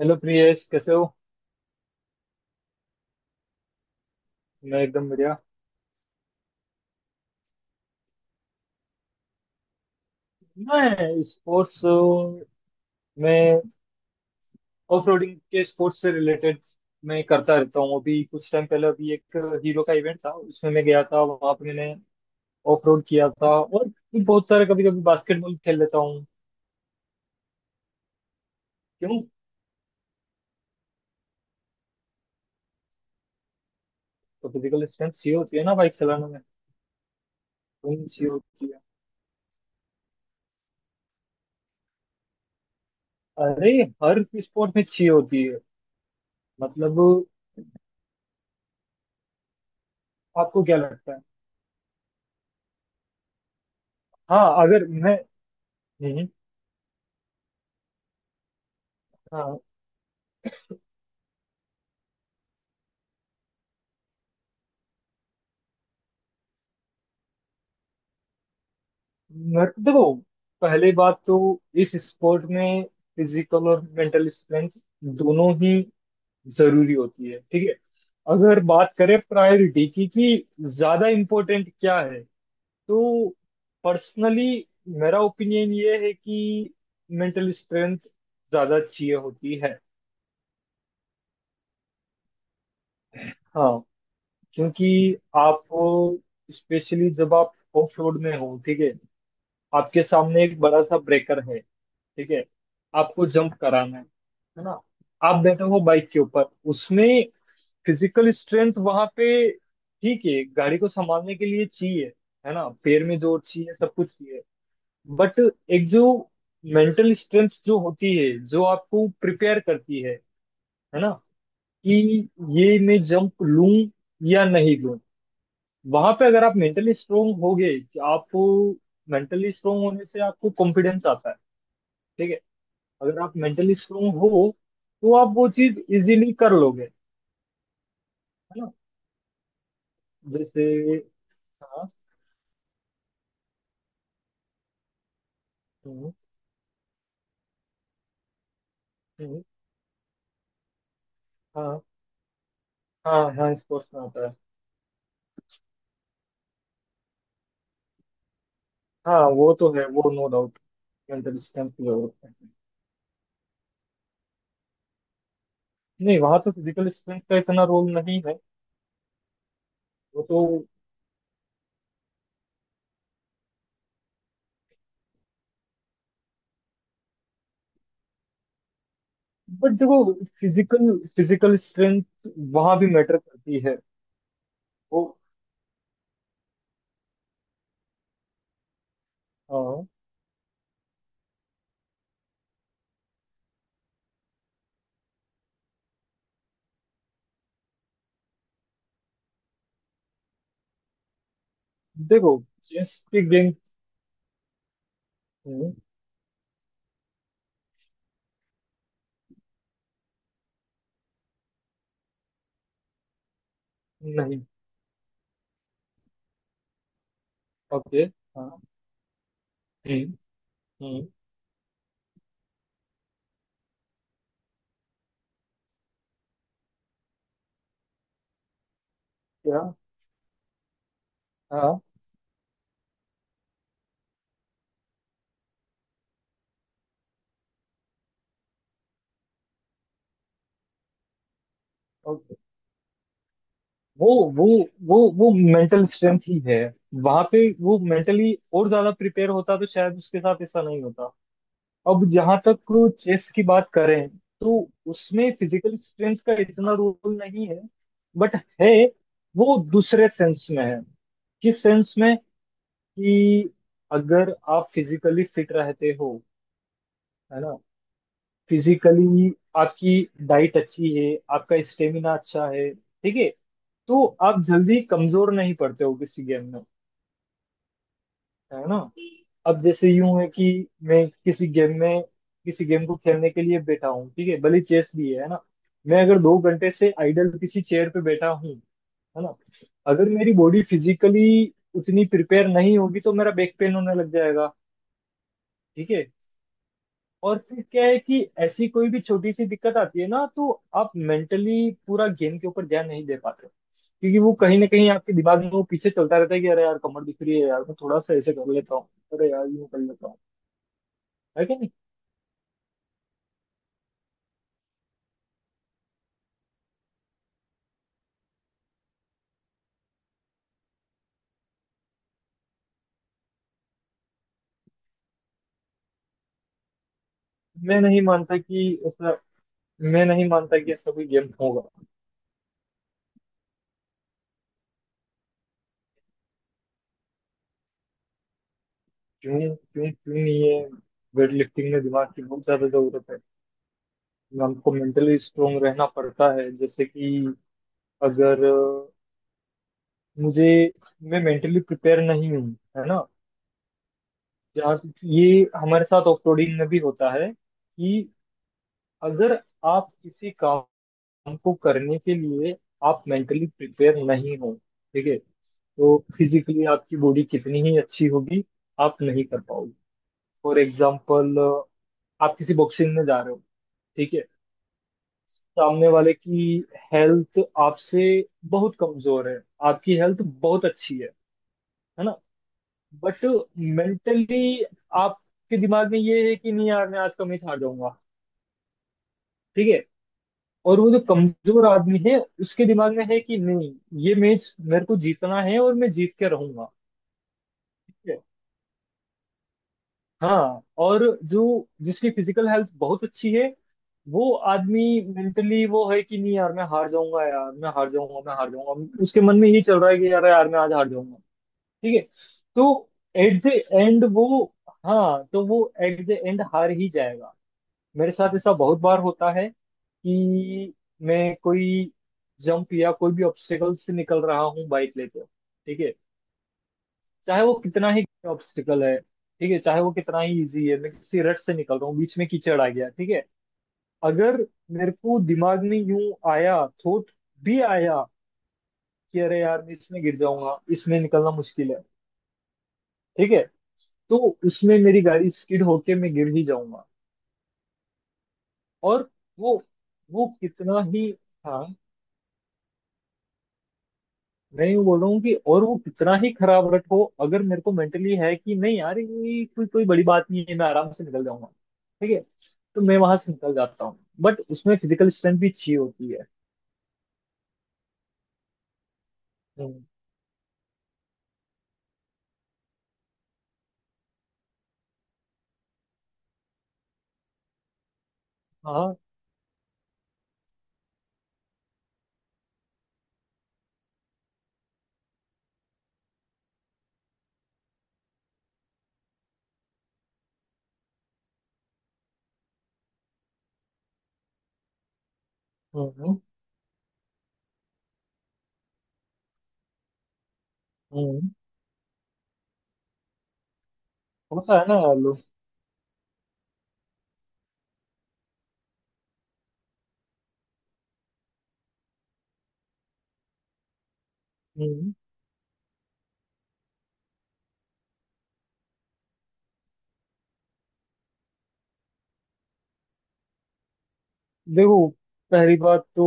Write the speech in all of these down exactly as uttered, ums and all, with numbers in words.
Hello Priyesh कैसे हो। मैं एकदम बढ़िया। मैं स्पोर्ट्स में ऑफ रोडिंग के स्पोर्ट्स से रिलेटेड मैं करता रहता हूँ। अभी कुछ टाइम पहले अभी एक हीरो का इवेंट था, उसमें मैं गया था। वहाँ पे मैंने ऑफ रोड किया था और भी बहुत सारे, कभी कभी बास्केटबॉल खेल लेता हूँ। क्यों? तो फिजिकल स्ट्रेंथ चाहिए होती है ना बाइक चलाने में, तुम चाहिए होती है। अरे, हर स्पोर्ट में चाहिए होती है। मतलब आपको क्या लगता है? हाँ, अगर मैं, हम्म, हाँ मेरे को देखो, पहली बात तो इस स्पोर्ट में फिजिकल और मेंटल स्ट्रेंथ दोनों ही जरूरी होती है, ठीक है। अगर बात करें प्रायोरिटी की कि ज्यादा इम्पोर्टेंट क्या है, तो पर्सनली मेरा ओपिनियन ये है कि मेंटल स्ट्रेंथ ज्यादा चाहिए होती है। हाँ, क्योंकि आप, स्पेशली जब आप ऑफ रोड में हो, ठीक है, आपके सामने एक बड़ा सा ब्रेकर है, ठीक है, आपको जंप कराना है है ना, आप बैठे हो बाइक के ऊपर। उसमें फिजिकल स्ट्रेंथ वहां पे, ठीक है, गाड़ी को संभालने के लिए चाहिए, है ना, पैर में जोर चाहिए, सब कुछ चाहिए। बट एक जो मेंटल स्ट्रेंथ जो होती है जो आपको प्रिपेयर करती है है ना, कि ये मैं जंप लूं या नहीं लूं। वहां पे अगर आप मेंटली स्ट्रोंग होगे कि आप, मेंटली स्ट्रोंग होने से आपको कॉन्फिडेंस आता है, ठीक है। अगर आप मेंटली स्ट्रोंग हो तो आप वो चीज इजीली कर लोगे, है ना, जैसे। हाँ। हम्म, हम्म, हाँ, हाँ, हाँ स्पोर्ट्स में आता है। हाँ वो तो है, वो नो डाउट, मेंटल स्ट्रेंथ की जरूरत है। नहीं, वहां तो फिजिकल स्ट्रेंथ का इतना रोल नहीं है। वो तो, बट देखो, फिजिकल फिजिकल स्ट्रेंथ वहां भी मैटर करती है। वो। हाँ। देखो, चेस के गेम। नहीं। ओके। हाँ। हम्म हम्म। क्या? हाँ। okay, वो वो वो वो मेंटल स्ट्रेंथ ही है वहां पे। वो मेंटली और ज्यादा प्रिपेयर होता तो शायद उसके साथ ऐसा नहीं होता। अब जहां तक चेस की बात करें, तो उसमें फिजिकल स्ट्रेंथ का इतना रोल नहीं है, बट है, वो दूसरे सेंस में है। किस सेंस में? कि अगर आप फिजिकली फिट रहते हो, है ना, फिजिकली आपकी डाइट अच्छी है, आपका स्टेमिना अच्छा है, ठीक है, तो आप जल्दी कमजोर नहीं पड़ते हो किसी गेम में, है ना। अब जैसे यूं है कि मैं किसी गेम में, किसी गेम को खेलने के लिए बैठा हूँ, ठीक है, भले चेस भी है है ना, मैं अगर दो घंटे से आइडल किसी चेयर पे बैठा हूँ, है ना, अगर मेरी बॉडी फिजिकली उतनी प्रिपेयर नहीं होगी तो मेरा बैक पेन होने लग जाएगा, ठीक है। और फिर क्या है कि ऐसी कोई भी छोटी सी दिक्कत आती है ना तो आप मेंटली पूरा गेम के ऊपर ध्यान नहीं दे पाते हो। क्योंकि वो कहीं ना कहीं आपके दिमाग में वो पीछे चलता रहता है कि अरे यार कमर दिख रही है, यार मैं थोड़ा सा ऐसे कर लेता हूँ, अरे यार यूं कर लेता हूँ। है कि नहीं? मैं नहीं मानता कि ऐसा, मैं नहीं मानता कि ऐसा कोई गेम होगा। क्यों क्यों क्यों नहीं है? वेट लिफ्टिंग में दिमाग की बहुत ज्यादा जरूरत है। हमको मेंटली स्ट्रोंग रहना पड़ता है। जैसे कि अगर अ, मुझे, मैं मेंटली प्रिपेयर नहीं हूँ, है ना यार। ये हमारे साथ ऑफरोडिंग में भी होता है कि अगर आप किसी काम को करने के लिए आप मेंटली प्रिपेयर नहीं हो, ठीक है, तो फिजिकली आपकी बॉडी कितनी ही अच्छी होगी, आप नहीं कर पाओगे। फॉर एग्जाम्पल, आप किसी बॉक्सिंग में जा रहे हो, ठीक है, सामने वाले की हेल्थ आपसे बहुत कमजोर है, आपकी हेल्थ बहुत अच्छी है है ना, बट मेंटली आपके दिमाग में ये है कि नहीं यार मैं आज का मैच हार जाऊंगा, ठीक है। और वो जो कमजोर आदमी है उसके दिमाग में है कि नहीं, ये मैच मेरे को जीतना है और मैं जीत के रहूंगा, ठीक है। हाँ, और जो जिसकी फिजिकल हेल्थ बहुत अच्छी है, वो आदमी मेंटली वो है कि नहीं यार मैं हार जाऊंगा, यार मैं हार जाऊंगा, मैं हार जाऊंगा, उसके मन में यही चल रहा है कि यार यार मैं आज हार जाऊंगा, ठीक है। तो एट द एंड वो, हाँ तो वो एट द एंड हार ही जाएगा। मेरे साथ ऐसा बहुत बार होता है कि मैं कोई जंप या कोई भी ऑब्स्टिकल से निकल रहा हूँ बाइक लेते हुए, ठीक है, चाहे वो कितना ही ऑब्स्टिकल है, ठीक है, चाहे वो कितना ही इजी है, मैं किसी रट से निकल रहा हूँ, बीच में कीचड़ आ गया, ठीक है, अगर मेरे को दिमाग में यूं आया, थोट भी आया कि अरे यार मैं इसमें गिर जाऊंगा, इसमें निकलना मुश्किल है, ठीक है, तो उसमें मेरी गाड़ी स्किड होके मैं गिर ही जाऊंगा। और वो वो कितना ही, हाँ, नहीं, मैं यूं बोल रहा हूँ कि और वो कितना ही खराब रट हो, अगर मेरे को मेंटली है कि नहीं यार ये कोई कोई बड़ी बात नहीं है, मैं आराम से निकल जाऊंगा, ठीक है, तो मैं वहां से निकल जाता हूँ, बट उसमें फिजिकल स्ट्रेंथ भी चाहिए होती है। हम्म, हाँ, हम्म हम्म। होता है ना यार लोग। हम्म। देखो, पहली बात तो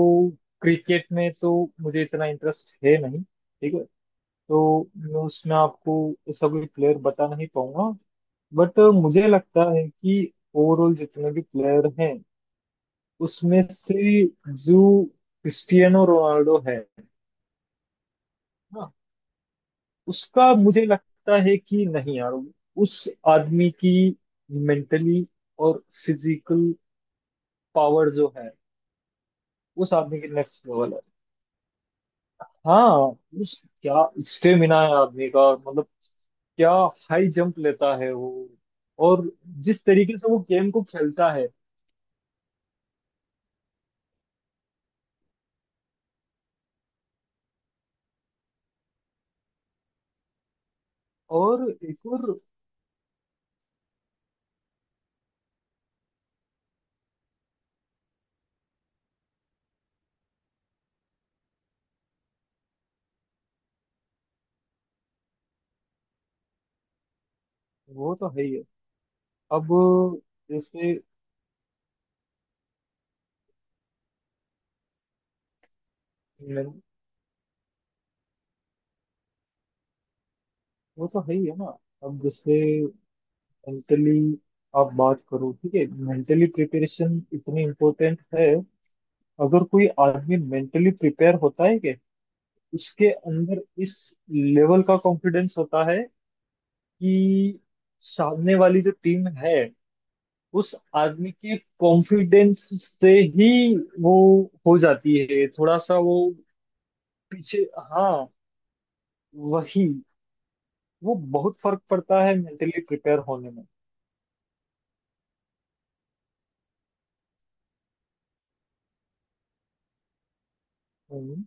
क्रिकेट में तो मुझे इतना इंटरेस्ट है नहीं, ठीक है, तो मैं उसमें आपको ऐसा कोई प्लेयर बता नहीं पाऊंगा, बट मुझे लगता है कि ओवरऑल जितने भी प्लेयर हैं उसमें से जो क्रिस्टियानो रोनाल्डो है ना, उसका मुझे लगता है कि नहीं यार, उस आदमी की मेंटली और फिजिकल पावर जो है, उस आदमी की नेक्स्ट लेवल है। हाँ। उस क्या स्टेमिना है आदमी का, मतलब क्या हाई जंप लेता है वो, और जिस तरीके से वो गेम को खेलता है। और एक और, वो तो है ही है। अब जैसे, मैं-, वो तो है ही है ना। अब जैसे मेंटली आप बात करो, ठीक है, मेंटली प्रिपरेशन इतनी इम्पोर्टेंट है। अगर कोई आदमी मेंटली प्रिपेयर होता है कि उसके अंदर इस लेवल का कॉन्फिडेंस होता है कि सामने वाली जो टीम है, उस आदमी के कॉन्फिडेंस से ही वो हो जाती है थोड़ा सा वो पीछे। हाँ, वही, वो बहुत फर्क पड़ता है मेंटली प्रिपेयर होने में। हम्म।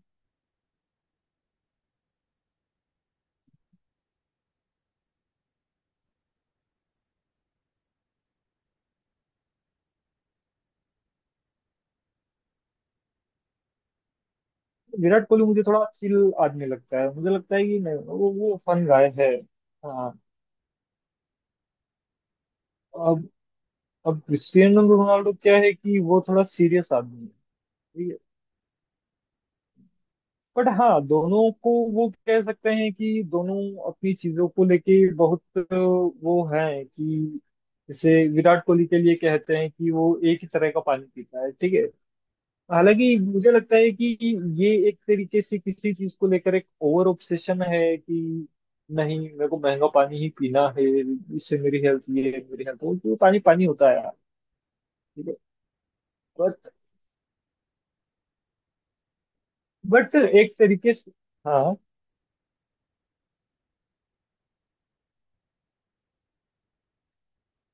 विराट कोहली मुझे थोड़ा चिल आदमी लगता है, मुझे लगता है कि नहीं वो वो फन गाय है। हाँ। अब अब क्रिस्टियानो रोनाल्डो क्या है कि वो थोड़ा सीरियस आदमी है, बट हाँ दोनों को वो कह सकते हैं कि दोनों अपनी चीजों को लेके बहुत अ, वो है कि, जैसे विराट कोहली के लिए कहते हैं कि वो एक ही तरह का पानी पीता है, ठीक है। हालांकि मुझे लगता है कि ये एक तरीके से किसी चीज को लेकर एक ओवर ऑब्सेशन है कि नहीं मेरे को महंगा पानी ही पीना है, इससे मेरी हेल्थ ये है, मेरी हेल्थ वो, तो पानी पानी होता है यार, ठीक है, बट बट एक तरीके से, हाँ।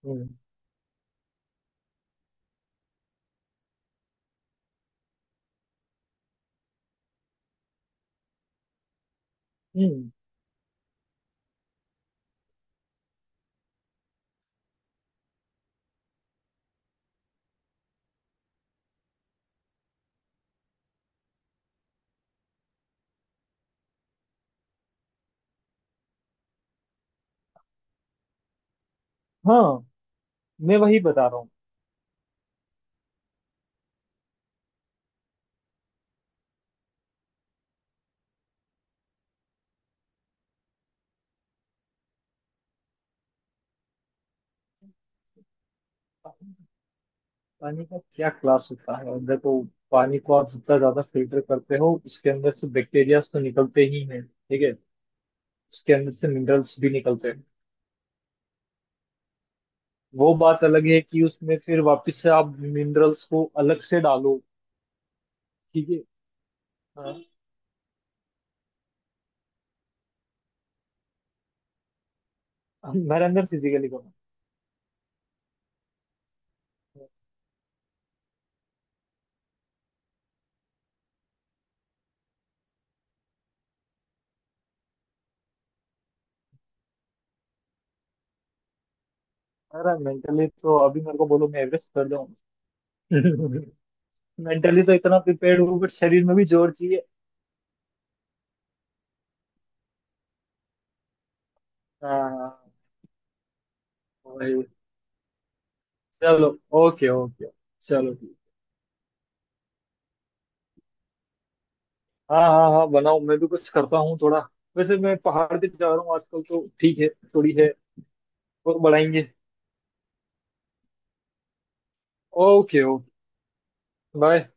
हम्म हम्म, हाँ, मैं वही बता रहा हूँ। पानी का क्या क्लास होता है? और देखो, पानी को आप जितना ज्यादा फिल्टर करते हो उसके अंदर से बैक्टीरियाज तो निकलते ही हैं, ठीक है, उसके अंदर से मिनरल्स भी निकलते हैं। वो बात अलग है कि उसमें फिर वापस से आप मिनरल्स को अलग से डालो। ठीक है। अ, मेरा अंदर फिजिकली कम है। मेरा मेंटली तो अभी मेरे को बोलो मैं एवरेस्ट कर जाऊं। मेंटली तो इतना प्रिपेयर्ड हूँ, बट शरीर में भी जोर चाहिए। हाँ हाँ, हाँ, वही, चलो, ओके ओके, चलो ठीक। हाँ हाँ हाँ, बनाओ, मैं भी कुछ करता हूँ थोड़ा। वैसे मैं पहाड़ पे जा रहा हूँ आजकल, तो ठीक है, थोड़ी है, और बढ़ाएंगे। Okay okay, bye.